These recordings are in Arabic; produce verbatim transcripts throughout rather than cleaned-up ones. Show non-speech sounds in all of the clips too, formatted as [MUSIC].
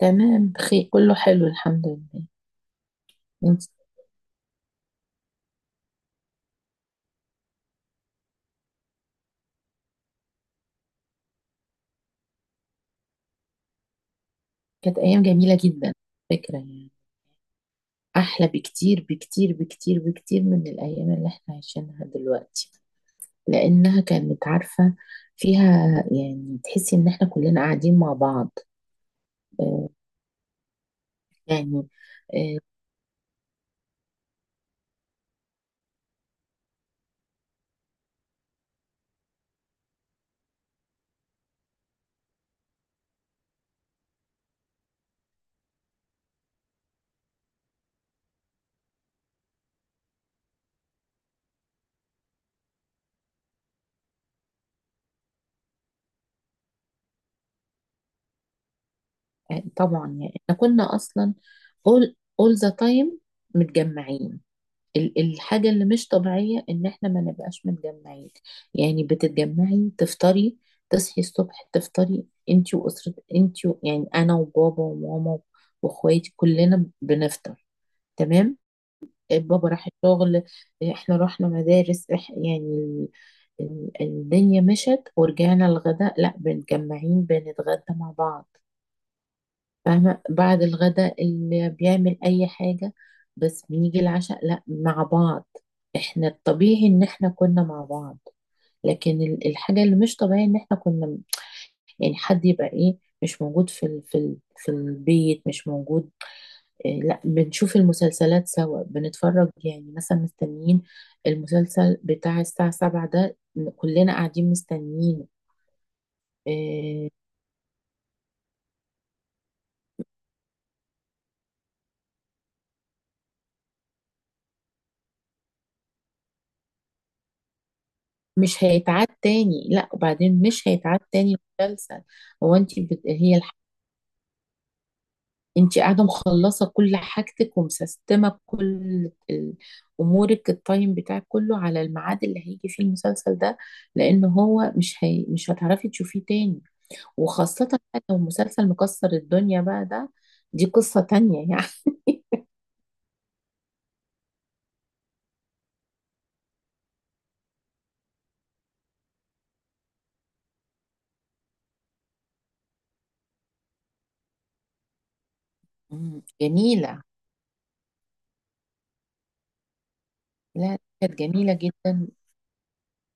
تمام، بخير، كله حلو الحمد لله. انت؟ كانت ايام جميله جدا. فكره، يعني احلى بكتير بكتير بكتير بكتير من الايام اللي احنا عايشينها دلوقتي، لانها كانت عارفه فيها، يعني تحسي ان احنا كلنا قاعدين مع بعض. آه، يعني. آه، طبعا، يعني احنا كنا اصلا all all the time متجمعين. ال- الحاجة اللي مش طبيعية إن إحنا ما نبقاش متجمعين. يعني بتتجمعي تفطري. تصحي الصبح تفطري أنتي وأسرة أنتي و... يعني أنا وبابا وماما وإخواتي كلنا بنفطر. تمام. بابا راح الشغل، إحنا رحنا مدارس إح... يعني ال- ال- الدنيا مشت. ورجعنا الغداء، لأ بنتجمعين بنتغدى مع بعض. فاهمة؟ بعد الغداء اللي بيعمل أي حاجة. بس بنيجي العشاء لا مع بعض. احنا الطبيعي ان احنا كنا مع بعض. لكن ال- الحاجة اللي مش طبيعية ان احنا كنا، يعني حد يبقى ايه مش موجود في ال في ال في البيت مش موجود. إيه، لا بنشوف المسلسلات سوا بنتفرج، يعني مثلا مستنيين المسلسل بتاع الساعة سبعة ده، كلنا قاعدين مستنيينه. آه، مش هيتعاد تاني. لا وبعدين مش هيتعاد تاني مسلسل. هو انت بت... هي الح... انت قاعده مخلصه كل حاجتك ومسستمه كل ال- امورك. التايم بتاعك كله على الميعاد اللي هيجي فيه المسلسل ده. لان هو مش هي... مش هتعرفي تشوفيه تاني. وخاصه بقى لو مسلسل مكسر الدنيا بقى ده، دي قصه تانية يعني. [LAUGHS] مم. جميله. لا كانت جميله جدا.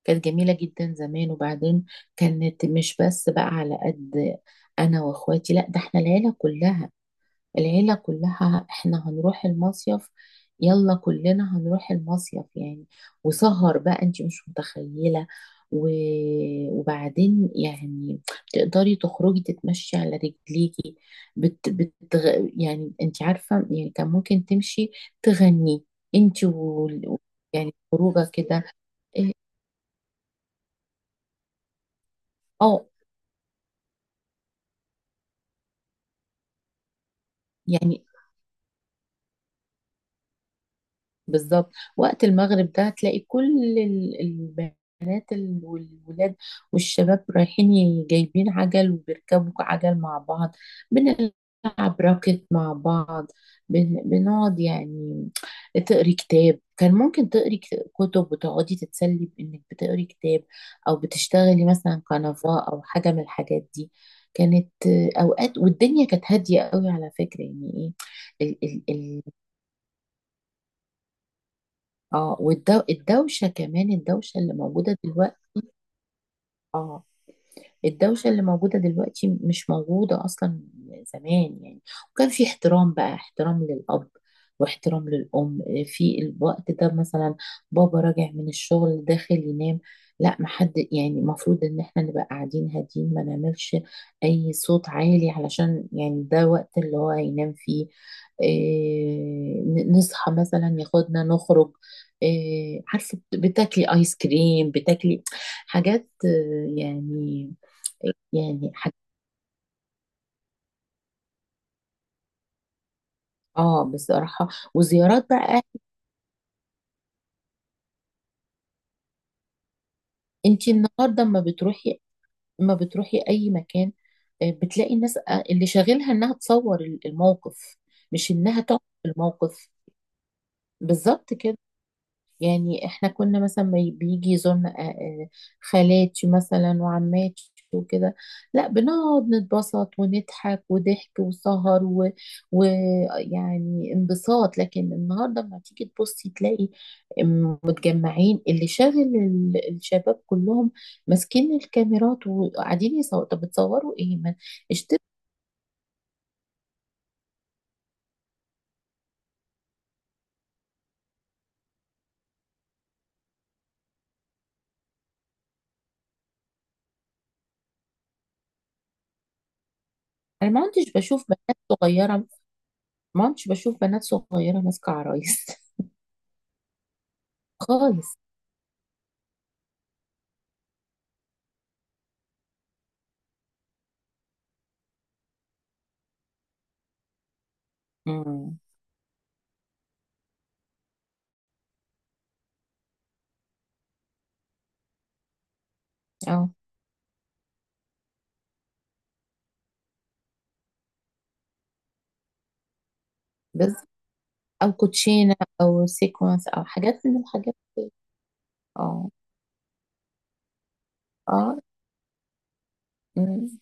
كانت جميلة جدا زمان. وبعدين كانت مش بس بقى على قد أنا وأخواتي، لا ده احنا العيلة كلها. العيلة كلها احنا هنروح المصيف. يلا كلنا هنروح المصيف يعني. وسهر بقى، انت مش متخيلة. و... وبعدين يعني تقدري تخرجي تتمشي على رجليكي. بت... بتغ... يعني انت عارفة، يعني كان ممكن تمشي تغني انت و... يعني خروجة كده. إيه، اه، يعني بالظبط. وقت المغرب ده تلاقي كل ال- البنات ال- والولاد والشباب رايحين ي- جايبين عجل وبيركبوا عجل مع بعض. بنلعب راكت مع بعض. بن- بنقعد، يعني تقري كتاب، كان ممكن تقري كت- كتب وتقعدي تتسلي بإنك بتقري كتاب. أو بتشتغلي مثلا كنفا أو حاجة من الحاجات دي. كانت آه، أوقات، والدنيا كانت هادية قوي على فكرة يعني. إيه، اه، والدوشة كمان الدوشة اللي موجودة دلوقتي. اه، الدوشة اللي موجودة دلوقتي مش موجودة أصلا زمان يعني. وكان في احترام بقى، احترام للأب واحترام للأم. في الوقت ده مثلا بابا راجع من الشغل داخل ينام، لا محد. يعني المفروض ان احنا نبقى قاعدين هادين ما نعملش اي صوت عالي علشان، يعني ده وقت اللي هو هينام فيه. إيه، ن- نصحى مثلا ياخدنا نخرج. إيه، عارفة بتاكلي ايس كريم، بتاكلي حاجات آه، يعني. يعني حت... اه، بصراحة. وزيارات بقى، انت النهاردة اما بتروحي اما بتروحي اي مكان، آه، بتلاقي الناس آه، اللي شاغلها انها تصور ال- الموقف، مش انها تقعد في الموقف. بالظبط كده. يعني احنا كنا مثلا، ما ي- بيجي يزورنا آه، آه، خالاتي مثلا وعماتي وكده. لا بنقعد نتبسط ونضحك وضحك وسهر ويعني و... ويعني انبساط. لكن النهارده لما تيجي تبصي تلاقي م- متجمعين، اللي شاغل ال- الشباب كلهم ماسكين الكاميرات وقاعدين يصوروا. طب بتصوروا ايه؟ ما اشتروا. انا ما كنتش بشوف بنات صغيره ما كنتش بشوف بنات صغيره ماسكه عرايس. [LAUGHS] خالص. امم اه، بس او كوتشينه او سيكونس او حاجات من الحاجات دي. اه، اه، مم.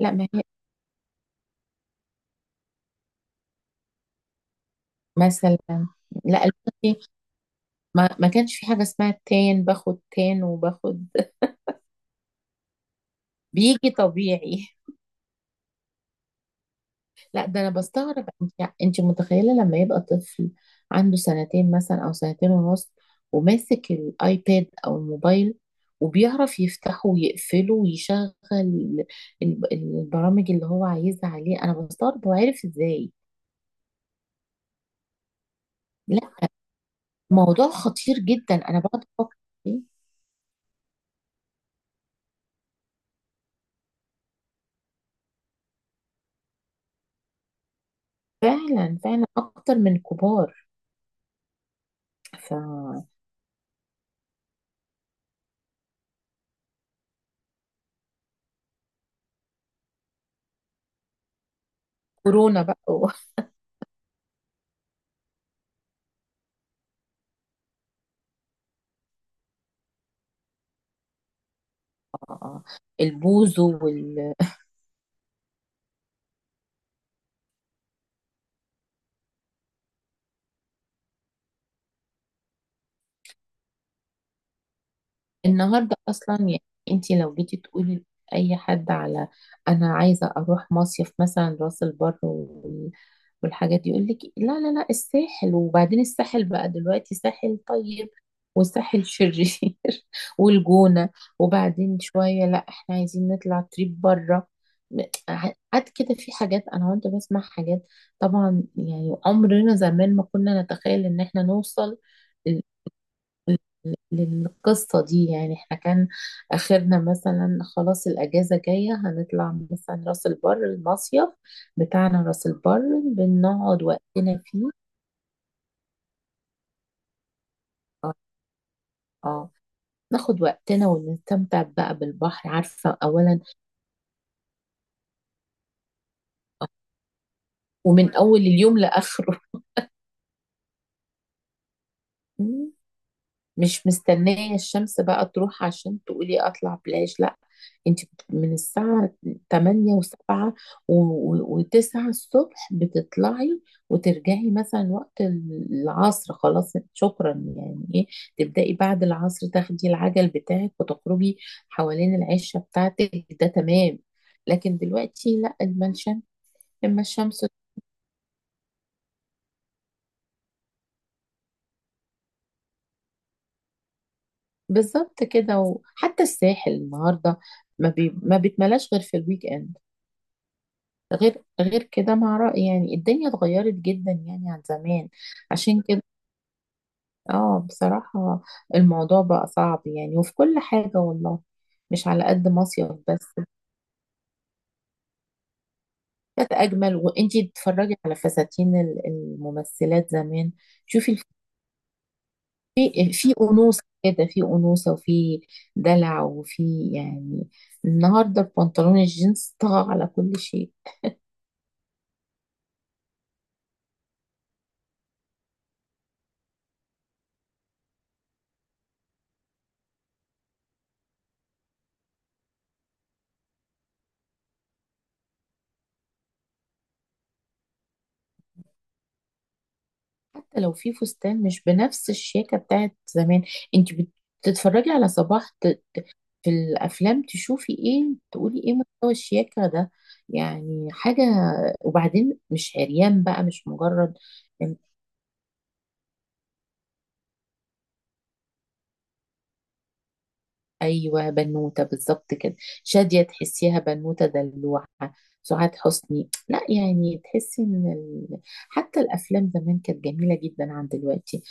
لا ما هي مثلا. لا البنطي. [LAUGHS] ما, ما كانش في حاجه اسمها تان. باخد تان وباخد بيجي طبيعي. [LAUGHS] لا ده انا بستغرب، انت انت متخيله لما يبقى طفل عنده سنتين مثلا، او سنتين ونص، وماسك الايباد او الموبايل، وبيعرف يفتحه ويقفله ويشغل ال- البرامج اللي هو عايزها عليه. انا بستغرب هو عارف ازاي. لا، موضوع خطير جدا، انا بقعد افكر فيه. فعلا فعلا اكتر من الكبار. فكورونا بقى و- [LAUGHS] البوز وال... النهارده اصلا يعني. انت لو جيتي تقولي لاي حد على، انا عايزه اروح مصيف مثلا راس البر والحاجات دي، يقول لك إيه؟ لا لا لا، الساحل. وبعدين الساحل بقى دلوقتي ساحل طيب وساحل شرير. [LAUGHS] والجونة. وبعدين شوية لا احنا عايزين نطلع تريب بره. قعد كده في حاجات، انا وانت بسمع حاجات. طبعا، يعني عمرنا زمان ما كنا نتخيل ان احنا نوصل للقصة دي يعني. احنا كان آخرنا مثلا خلاص، الأجازة جاية هنطلع مثلا راس البر، المصيف بتاعنا راس البر. بنقعد وقتنا فيه. اه، آه، ناخد وقتنا ونستمتع بقى بالبحر. عارفة؟ أولا، ومن أول اليوم لآخره. [LAUGHS] مش مستنية الشمس بقى تروح عشان تقولي أطلع بلاش. لأ، أنت بت- من الساعة تمانية وسبعة وتسعة الصبح بتطلعي. وترجعي مثلا وقت العصر، خلاص شكرا يعني. إيه تبدأي بعد العصر، تاخدي العجل بتاعك وتخرجي حوالين العشة بتاعتك، ده تمام. لكن دلوقتي لأ، لما الشمس لما الشمس بالظبط كده. وحتى الساحل النهاردة ما, بي... ما بيتملاش غير في الويك إند. غير غير كده، مع رأي يعني. الدنيا اتغيرت جدا يعني عن زمان. عشان كده اه، بصراحة الموضوع بقى صعب يعني وفي كل حاجة والله، مش على قد مصيف بس. كانت أجمل. وانتي تتفرجي على فساتين ال- الممثلات زمان. شوفي الف- في في أنوثة كده، في أنوثة وفي دلع وفي، يعني النهاردة البنطلون الجينز طغى على كل شيء. حتى لو في فستان مش بنفس الشياكة بتاعت زمان، انت بتتفرجي على صباح ت- في الافلام، تشوفي ايه تقولي ايه مستوى الشياكة ده. يعني حاجة. وبعدين مش عريان بقى، مش مجرد. ايوه بنوته بالظبط كده. شاديه تحسيها بنوته دلوعه. سعاد حسني، لا يعني تحسي ان ال... حتى الافلام زمان كانت جميله جدا عن دلوقتي.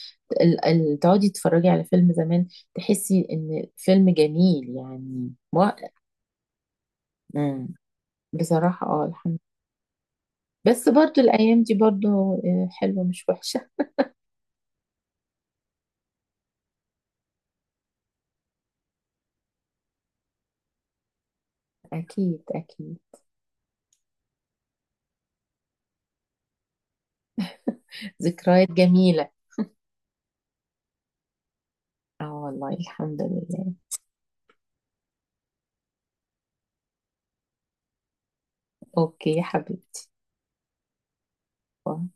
ال... ال... تقعدي تتفرجي على فيلم زمان، تحسي ان فيلم جميل يعني و... مم. بصراحه اه، الحمد لله. بس برضو الايام دي برضو آه، حلوه مش وحشه. اكيد، اكيد. ذكريات جميله. اه والله، الحمد لله. اوكي يا حبيبتي. باي.